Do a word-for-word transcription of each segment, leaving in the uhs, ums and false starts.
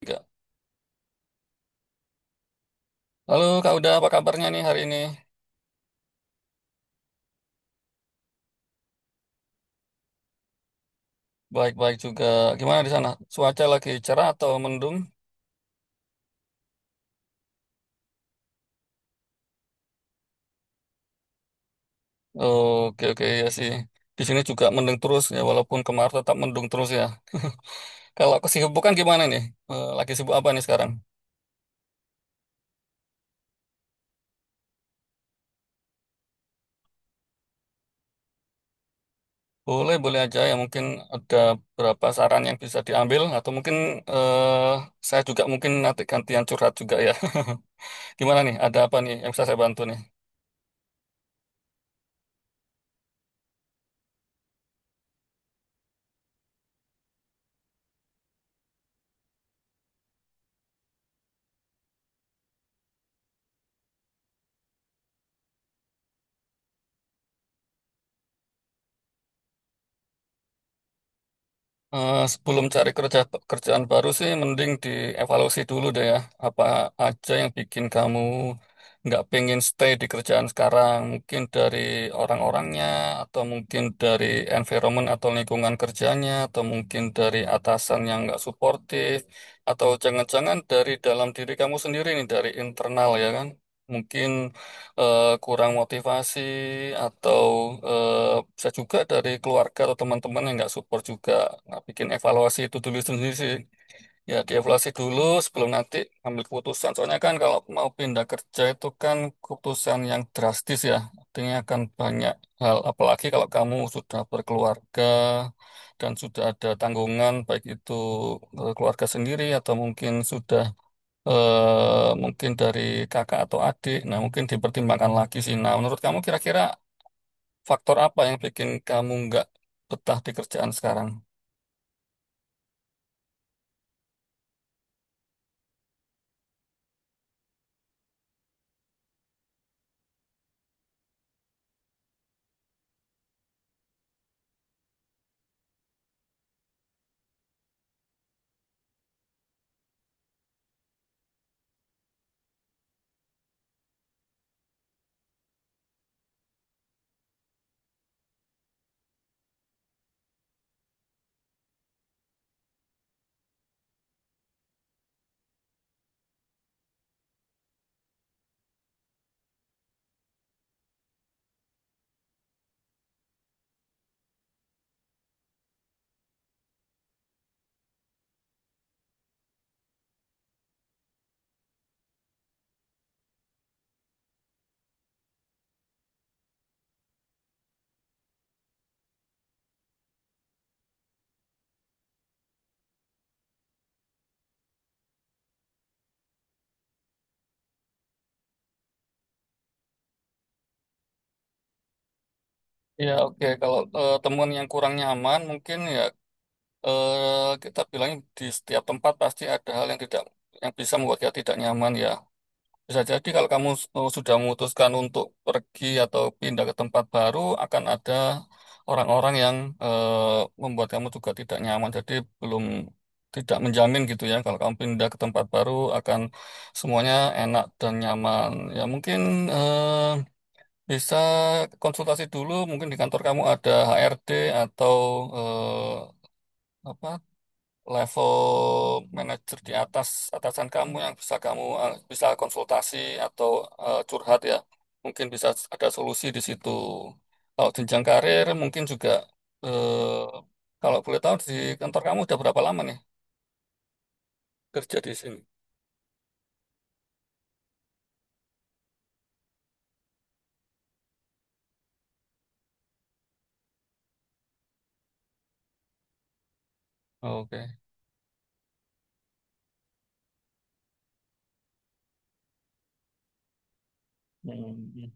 Tiga. Lalu Kak Uda, apa kabarnya nih hari ini? Baik-baik juga. Gimana di sana? Cuaca lagi cerah atau mendung? Oke, oke, ya sih. Di sini juga mendung terus ya, walaupun kemarin tetap mendung terus ya. Kalau kesibukan gimana nih? Eh, Lagi sibuk apa nih sekarang? Boleh, boleh aja ya. Mungkin ada beberapa saran yang bisa diambil atau mungkin eh, saya juga mungkin nanti gantian curhat juga ya. Gimana nih? Ada apa nih yang bisa saya bantu nih? Eh, sebelum cari kerja kerjaan baru sih, mending dievaluasi dulu deh ya. Apa aja yang bikin kamu nggak pengen stay di kerjaan sekarang? Mungkin dari orang-orangnya, atau mungkin dari environment atau lingkungan kerjanya, atau mungkin dari atasan yang nggak suportif, atau jangan-jangan dari dalam diri kamu sendiri nih, dari internal ya kan? Mungkin eh, kurang motivasi atau eh, bisa juga dari keluarga atau teman-teman yang nggak support juga. Nah, bikin evaluasi itu dulu sendiri sih. Ya, dievaluasi dulu sebelum nanti ambil keputusan. Soalnya kan kalau mau pindah kerja itu kan keputusan yang drastis ya. Artinya akan banyak hal. Apalagi kalau kamu sudah berkeluarga dan sudah ada tanggungan, baik itu eh, keluarga sendiri atau mungkin sudah eh, mungkin dari kakak atau adik. Nah, mungkin dipertimbangkan lagi sih. Nah, menurut kamu kira-kira faktor apa yang bikin kamu nggak betah di kerjaan sekarang? Ya, oke. Kalau eh, temuan yang kurang nyaman, mungkin ya eh, kita bilang di setiap tempat pasti ada hal yang tidak yang bisa membuat kita tidak nyaman ya. Bisa jadi kalau kamu eh, sudah memutuskan untuk pergi atau pindah ke tempat baru, akan ada orang-orang yang eh, membuat kamu juga tidak nyaman. Jadi belum tidak menjamin gitu ya. Kalau kamu pindah ke tempat baru, akan semuanya enak dan nyaman. Ya mungkin eh, bisa konsultasi dulu. Mungkin di kantor kamu ada H R D atau eh, apa level manajer di atas atasan kamu yang bisa kamu eh, bisa konsultasi atau eh, curhat ya. Mungkin bisa ada solusi di situ. Kalau jenjang karir mungkin juga eh, kalau boleh tahu di kantor kamu udah berapa lama nih kerja di sini? Oke. Hmm.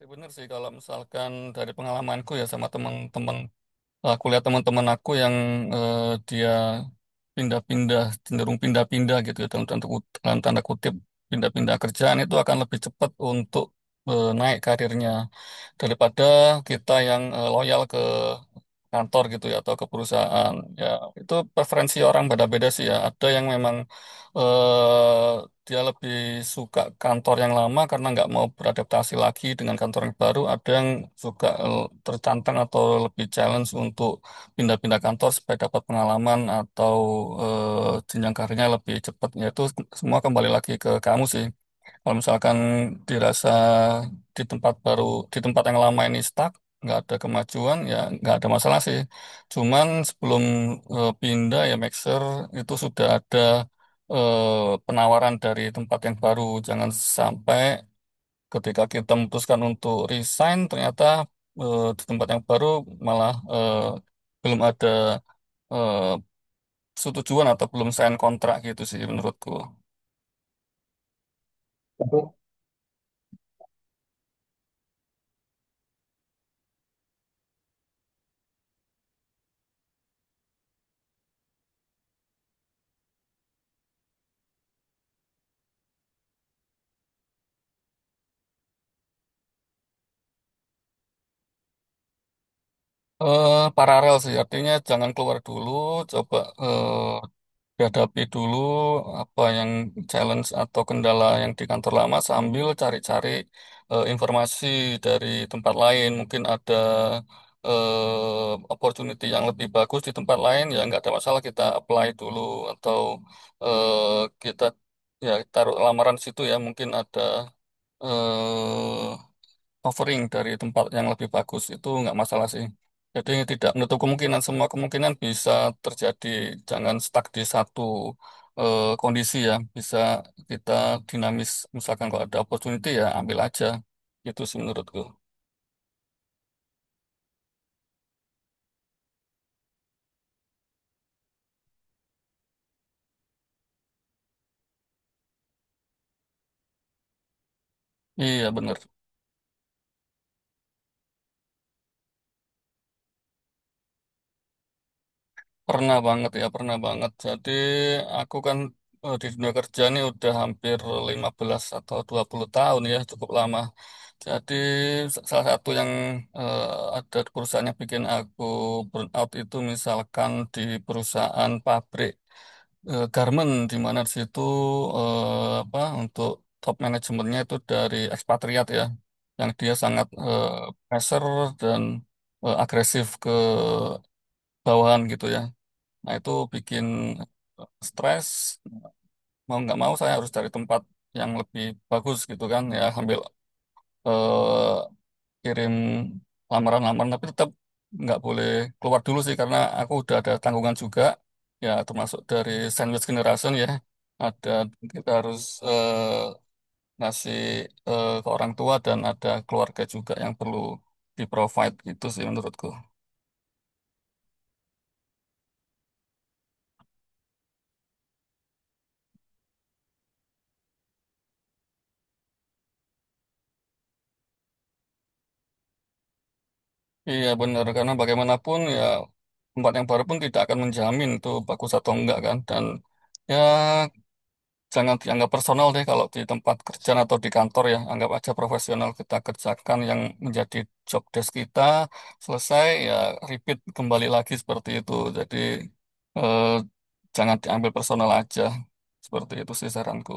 Ya, bener sih kalau misalkan dari pengalamanku ya sama teman-teman. Aku lihat teman-teman aku yang eh, dia pindah-pindah, cenderung pindah-pindah gitu ya, dalam tanda kut- dalam tanda kutip, pindah-pindah kerjaan itu akan lebih cepat untuk eh, naik karirnya daripada kita yang eh, loyal ke kantor gitu ya atau ke perusahaan ya itu preferensi orang beda-beda sih ya ada yang memang eh, dia lebih suka kantor yang lama karena nggak mau beradaptasi lagi dengan kantor yang baru ada yang suka eh, tertantang atau lebih challenge untuk pindah-pindah kantor supaya dapat pengalaman atau eh, jenjang karirnya lebih cepat ya itu semua kembali lagi ke kamu sih kalau misalkan dirasa di tempat baru, di tempat yang lama ini stuck, nggak ada kemajuan, ya nggak ada masalah sih. Cuman sebelum eh, pindah ya make sure itu sudah ada eh, penawaran dari tempat yang baru. Jangan sampai ketika kita memutuskan untuk resign, ternyata eh, di tempat yang baru malah eh, belum ada eh, setujuan atau belum sign kontrak gitu sih menurutku. eh paralel sih, artinya jangan keluar dulu, coba eh, dihadapi dulu apa yang challenge atau kendala yang di kantor lama sambil cari-cari eh, informasi dari tempat lain. Mungkin ada eh, opportunity yang lebih bagus di tempat lain, ya nggak ada masalah kita apply dulu atau eh, kita ya taruh lamaran situ ya, mungkin ada eh, offering dari tempat yang lebih bagus itu nggak masalah sih. Jadi tidak menutup kemungkinan, semua kemungkinan bisa terjadi. Jangan stuck di satu eh, kondisi ya. Bisa kita dinamis. Misalkan kalau ada opportunity ya ambil aja. Itu sih menurutku. Iya benar. Pernah banget ya, pernah banget. Jadi aku kan eh, di dunia kerja ini udah hampir lima belas atau dua puluh tahun ya, cukup lama. Jadi s- salah satu yang eh, ada di perusahaan yang bikin aku burn out itu misalkan di perusahaan pabrik eh, garment di mana di situ eh, apa untuk top manajemennya itu dari ekspatriat ya, yang dia sangat eh, pressure dan eh, agresif ke bawahan gitu ya. Nah, itu bikin stres. Mau nggak mau saya harus cari tempat yang lebih bagus gitu kan. Ya, sambil eh, kirim lamaran-lamaran. Tapi tetap nggak boleh keluar dulu sih karena aku udah ada tanggungan juga. Ya, termasuk dari sandwich generation ya. Ada kita harus eh, ngasih eh, ke orang tua dan ada keluarga juga yang perlu di-provide gitu sih menurutku. Iya benar, karena bagaimanapun ya tempat yang baru pun tidak akan menjamin itu bagus atau enggak kan. Dan ya jangan dianggap personal deh kalau di tempat kerja atau di kantor ya. Anggap aja profesional kita kerjakan yang menjadi job desk kita. Selesai ya repeat kembali lagi seperti itu. Jadi eh, jangan diambil personal aja. Seperti itu sih saranku.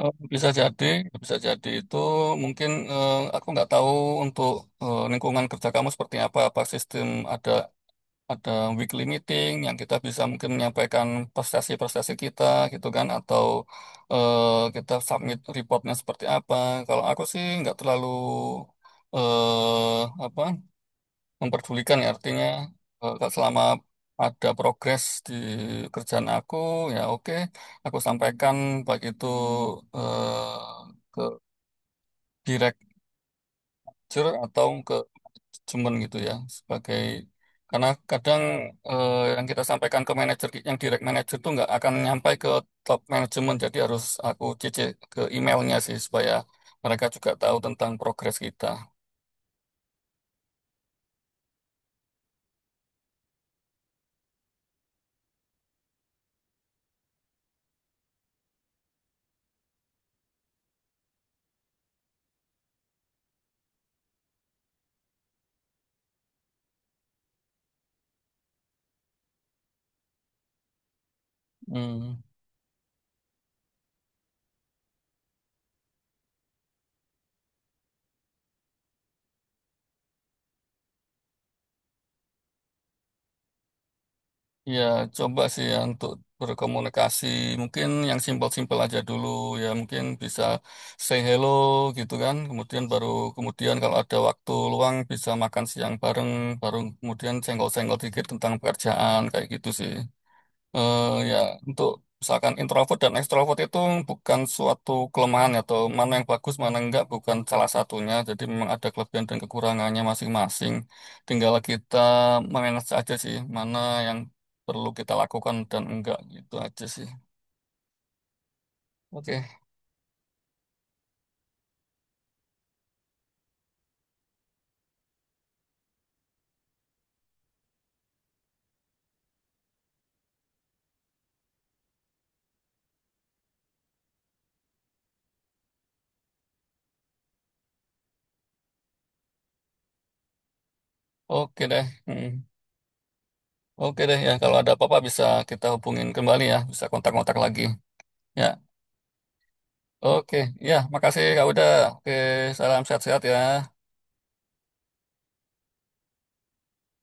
Eh, Bisa jadi, bisa jadi itu mungkin eh, aku nggak tahu untuk eh, lingkungan kerja kamu seperti apa, apa sistem ada ada weekly meeting yang kita bisa mungkin menyampaikan prestasi-prestasi kita gitu kan atau eh, kita submit reportnya seperti apa. Kalau aku sih nggak terlalu eh apa memperdulikan ya artinya eh, kalau selama ada progres di kerjaan aku ya oke aku sampaikan baik itu eh, ke director atau ke cuman gitu ya sebagai karena kadang eh, yang kita sampaikan ke manajer yang direct manager itu nggak akan nyampai ke top manajemen jadi harus aku cc ke emailnya sih supaya mereka juga tahu tentang progres kita. Hmm. Ya, coba sih ya untuk berkomunikasi. Mungkin yang simpel-simpel aja dulu ya. Mungkin bisa say hello gitu kan. Kemudian baru kemudian kalau ada waktu luang bisa makan siang bareng. Baru kemudian senggol-senggol dikit tentang pekerjaan kayak gitu sih eh ya, untuk misalkan introvert dan ekstrovert itu bukan suatu kelemahan ya, atau mana yang bagus, mana yang enggak, bukan salah satunya. Jadi memang ada kelebihan dan kekurangannya masing-masing. Tinggal kita manage aja sih, mana yang perlu kita lakukan dan enggak gitu aja sih. Oke, oke deh. Mm. Oke deh ya, kalau ada apa-apa bisa kita hubungin kembali ya, bisa kontak-kontak lagi. Ya, oke. Ya, makasih Kak Uda. Oke, salam sehat-sehat ya.